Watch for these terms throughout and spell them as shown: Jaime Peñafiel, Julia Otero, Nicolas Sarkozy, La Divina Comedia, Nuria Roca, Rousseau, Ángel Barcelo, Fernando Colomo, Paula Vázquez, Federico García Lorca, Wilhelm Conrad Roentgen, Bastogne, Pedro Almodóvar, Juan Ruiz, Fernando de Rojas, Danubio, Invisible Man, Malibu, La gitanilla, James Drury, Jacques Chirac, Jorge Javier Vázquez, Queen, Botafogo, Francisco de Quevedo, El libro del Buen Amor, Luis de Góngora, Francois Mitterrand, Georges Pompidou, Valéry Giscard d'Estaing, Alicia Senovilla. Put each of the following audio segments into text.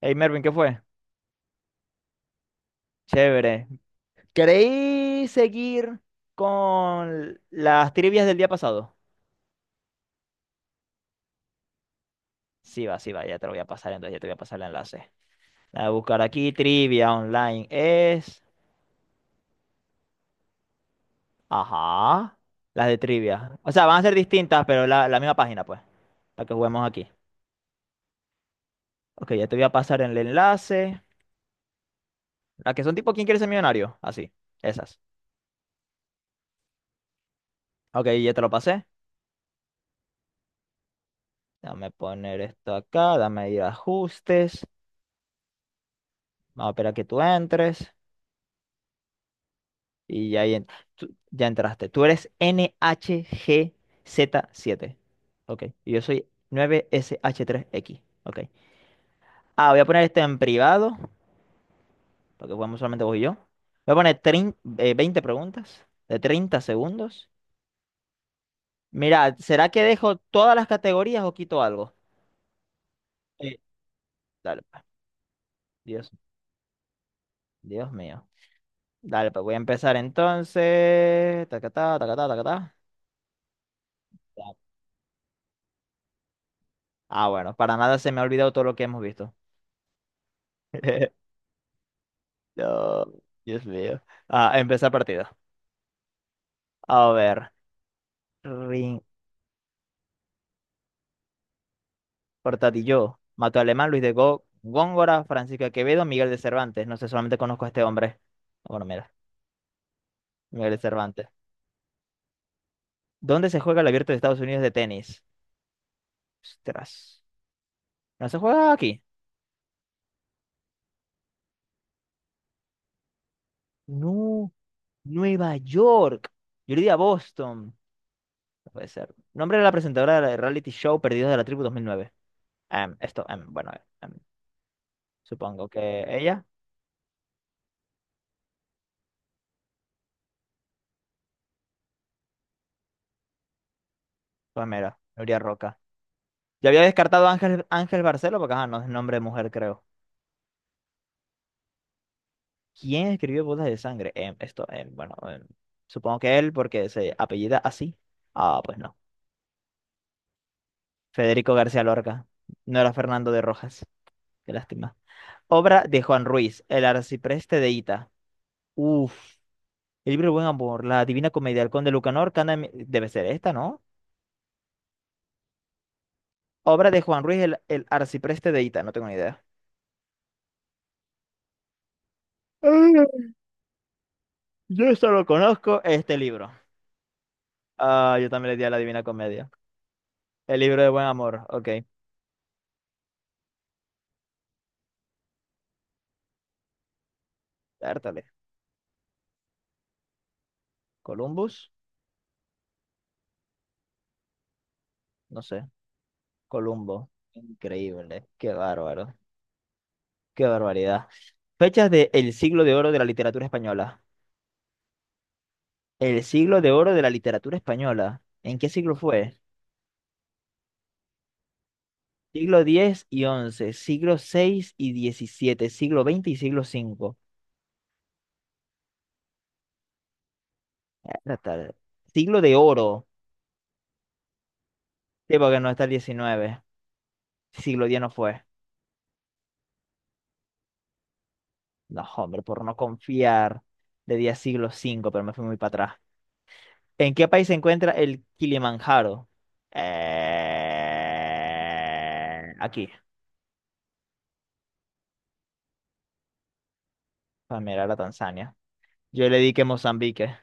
Hey Mervin, ¿qué fue? Chévere. ¿Queréis seguir con las trivias del día pasado? Sí, va, ya te lo voy a pasar, entonces ya te voy a pasar el enlace. La de buscar aquí, trivia online es. Ajá. Las de trivia. O sea, van a ser distintas, pero la misma página, pues, para que juguemos aquí. Ok, ya te voy a pasar el enlace. Las que son tipo ¿Quién quiere ser millonario? Así, esas. Ok, ya te lo pasé. Dame poner esto acá, dame ir a ajustes. Vamos a esperar a que tú entres. Y ya, ya entraste. Tú eres nhgz siete. Ok. Y yo soy 9 sh tres x. Ok. Ah, voy a poner esto en privado, porque jugamos solamente vos y yo. Voy a poner 20 preguntas de 30 segundos. Mira, ¿será que dejo todas las categorías o quito algo? Sí. Dale, pues. Dios, Dios mío. Dale, pues voy a empezar entonces. Tacatá, tacatá, tacatá. Ya. Ah, bueno, para nada se me ha olvidado todo lo que hemos visto. No, Dios mío. Ah, empezar partido. A ver. Rin, Portatillo. Mató Alemán, Luis de Góngora, Francisco de Quevedo, Miguel de Cervantes. No sé, solamente conozco a este hombre. Ah, bueno, mira. Miguel de Cervantes. ¿Dónde se juega el Abierto de Estados Unidos de tenis? Ostras. ¿No se juega aquí? No. Nueva York. Yo le di a Boston. No puede ser. Nombre de la presentadora del reality show Perdidos de la Tribu 2009. Em, esto, em, bueno, em, supongo que ella. Pues mira, Nuria Roca. Ya había descartado a Ángel, Ángel Barcelo porque ajá, no es nombre de mujer, creo. ¿Quién escribió Bodas de Sangre? Em, esto, em, bueno, em, supongo que él porque se apellida así. Ah, pues no. Federico García Lorca. No era Fernando de Rojas. Qué lástima. Obra de Juan Ruiz, El arcipreste de Ita. Uf. El libro del Buen Amor, La Divina Comedia, El Conde Lucanor, debe ser esta, ¿no? Obra de Juan Ruiz, el arcipreste de Ita. No tengo ni idea. Ah, yo solo conozco este libro. Ah, yo también le di a La Divina Comedia. El libro de buen amor, ok. Dártale. Columbus, no sé. Columbo. Increíble. Qué bárbaro. Qué barbaridad. Fechas de el siglo de oro de la literatura española. El siglo de oro de la literatura española. ¿En qué siglo fue? Siglo X y once, siglo seis y diecisiete, siglo veinte y siglo V. Dártale. Siglo de oro. Sí, porque no está el XIX. Siglo diez no fue. No, hombre, por no confiar, le di a siglo cinco, pero me fui muy para atrás. ¿En qué país se encuentra el Kilimanjaro? Aquí, para mirar a Tanzania. Yo le di que Mozambique.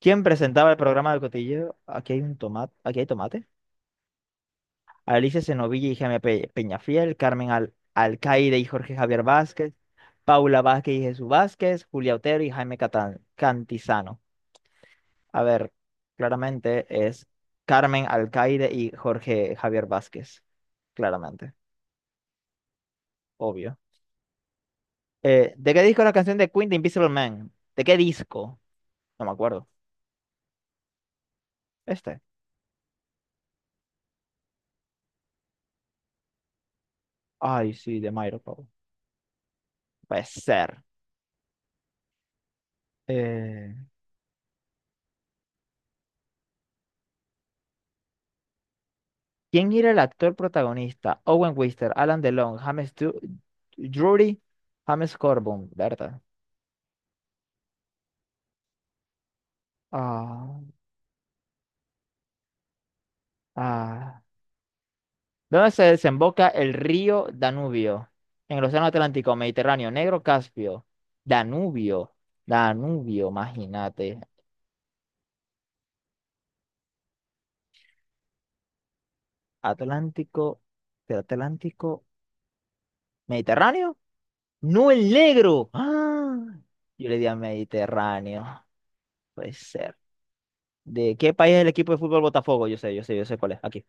¿Quién presentaba el programa del cotilleo? Aquí hay un tomate. Aquí hay tomate. Alicia Senovilla y Jaime Peñafiel, Carmen Al Alcaide y Jorge Javier Vázquez, Paula Vázquez y Jesús Vázquez, Julia Otero y Jaime Cantizano. A ver, claramente es Carmen Alcaide y Jorge Javier Vázquez. Claramente, obvio. ¿De qué disco es la canción de Queen de Invisible Man? ¿De qué disco? No me acuerdo. ¿Este? Ay, sí, de Mairo Pablo. Puede ser. Eh, ¿Quién era el actor protagonista? Owen Wister, Alan DeLong, James Drury, James Corbin, ¿verdad? Ah, ah. ¿Dónde se desemboca el río Danubio? En el Océano Atlántico, Mediterráneo, Negro, Caspio. Danubio, Danubio, imagínate. Atlántico, ¿del Atlántico, Mediterráneo? No, el negro. ¡Ah! Yo le di a Mediterráneo. Puede ser. ¿De qué país es el equipo de fútbol Botafogo? Yo sé, yo sé, yo sé cuál es. Aquí.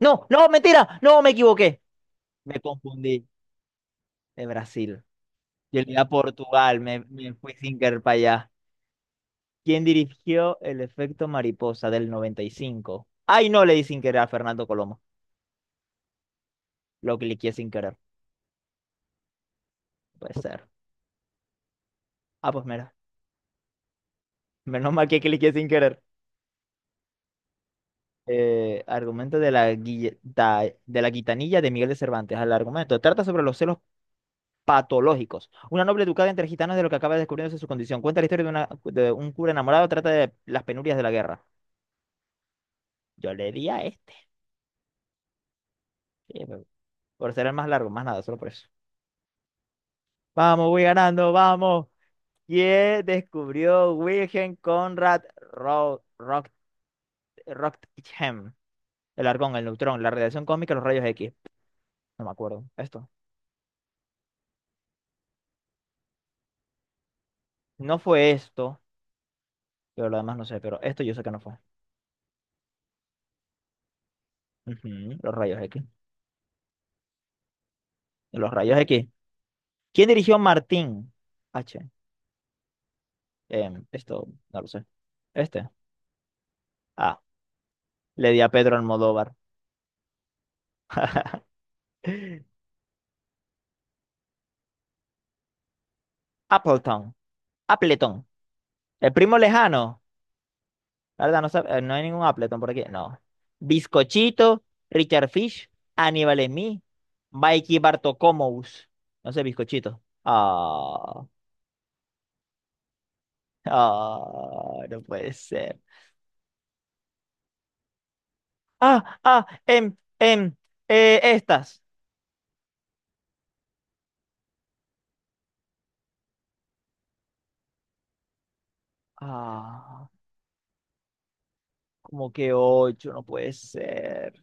No, no, mentira. No, me equivoqué. Me confundí. De Brasil. Yo le di a Portugal. Me fui sin querer para allá. ¿Quién dirigió el efecto mariposa del 95? Ay, no, le di sin querer a Fernando Colomo. Lo cliqué sin querer. Puede ser. Ah, pues mira. Menos mal que cliqué sin querer. Argumento de la, de la gitanilla de Miguel de Cervantes. Al argumento. Trata sobre los celos patológicos. Una noble educada entre gitanos de lo que acaba descubriéndose su condición. Cuenta la historia de, una, de un cura enamorado. Trata de las penurias de la guerra. Yo le di a este. Sí, pero por ser el más largo, más nada, solo por eso. Vamos, voy ganando, vamos. ¿Quién descubrió Wilhelm Conrad Roentgen? El argón, el neutrón, la radiación cósmica, los rayos X. No me acuerdo. Esto. No fue esto. Yo lo demás no sé, pero esto yo sé que no fue. Ujú, los rayos X. Los rayos X. ¿Quién dirigió Martín? H. Esto no lo sé. Este. Ah, le di a Pedro Almodóvar. Appleton. Appleton. El primo lejano. La, ¿verdad? No, no hay ningún Appleton por aquí. No. Bizcochito, Richard Fish, Aníbal Emí, Mikey Bartocomous. No sé, bizcochito. Ah, ah, no puede ser. Ah, ah, em, em, estas. Ah, como que ocho, no puede ser.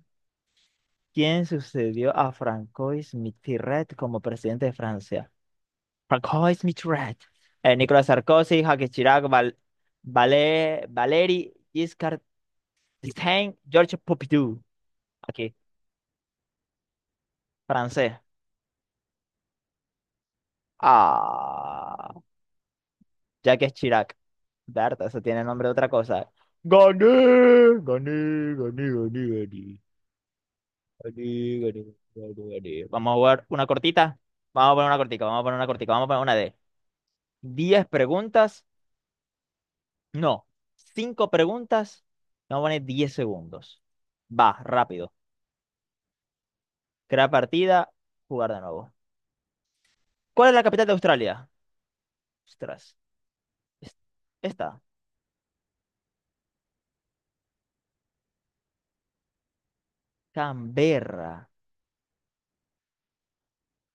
¿Quién sucedió a Francois Mitterrand como presidente de Francia? Francois Mitterrand. Nicolas Sarkozy, Jacques Chirac, Valéry Giscard d'Estaing, Georges Pompidou. Aquí, francés. Ah, Jacques Chirac. Berta, eso tiene nombre de otra cosa. Gané, gané, gané, gané, gané. Ari, Ari, Ari, Ari. Vamos a jugar una cortita. Vamos a poner una cortica, vamos a poner una cortica, vamos a poner una de 10 preguntas. No, 5 preguntas. Vamos a poner 10 segundos. Va, rápido. Crear partida, jugar de nuevo. ¿Cuál es la capital de Australia? Ostras. es- Esta. Canberra.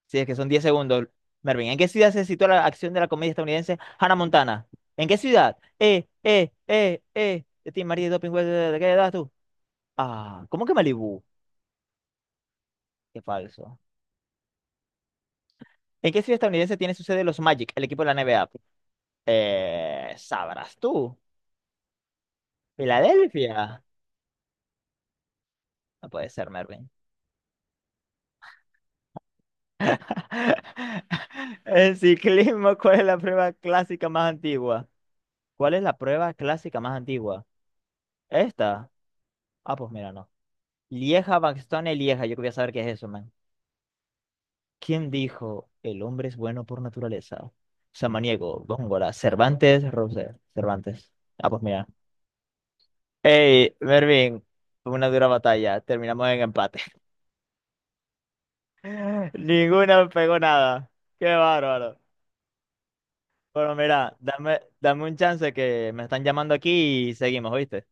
Sí, es que son 10 segundos. Mervin, ¿en qué ciudad se sitúa la acción de la comedia estadounidense Hannah Montana? ¿En qué ciudad? De ti, María, doping, ¿de qué edad tú? Ah, ¿cómo que Malibu? Qué falso. ¿En qué ciudad estadounidense tiene su sede los Magic, el equipo de la NBA? Sabrás tú. ¿Filadelfia? No puede ser, Mervin. En ciclismo, ¿cuál es la prueba clásica más antigua? ¿Cuál es la prueba clásica más antigua? ¿Esta? Ah, pues mira, no. Lieja, Bastogne, Lieja. Yo quería saber qué es eso, man. ¿Quién dijo el hombre es bueno por naturaleza? Samaniego, Góngora, Cervantes, Rousseau. Cervantes. Ah, pues mira. Hey, Mervin, fue una dura batalla. Terminamos en empate. Ninguna pegó nada. Qué bárbaro. Pero mira, dame, dame un chance que me están llamando aquí y seguimos, ¿viste?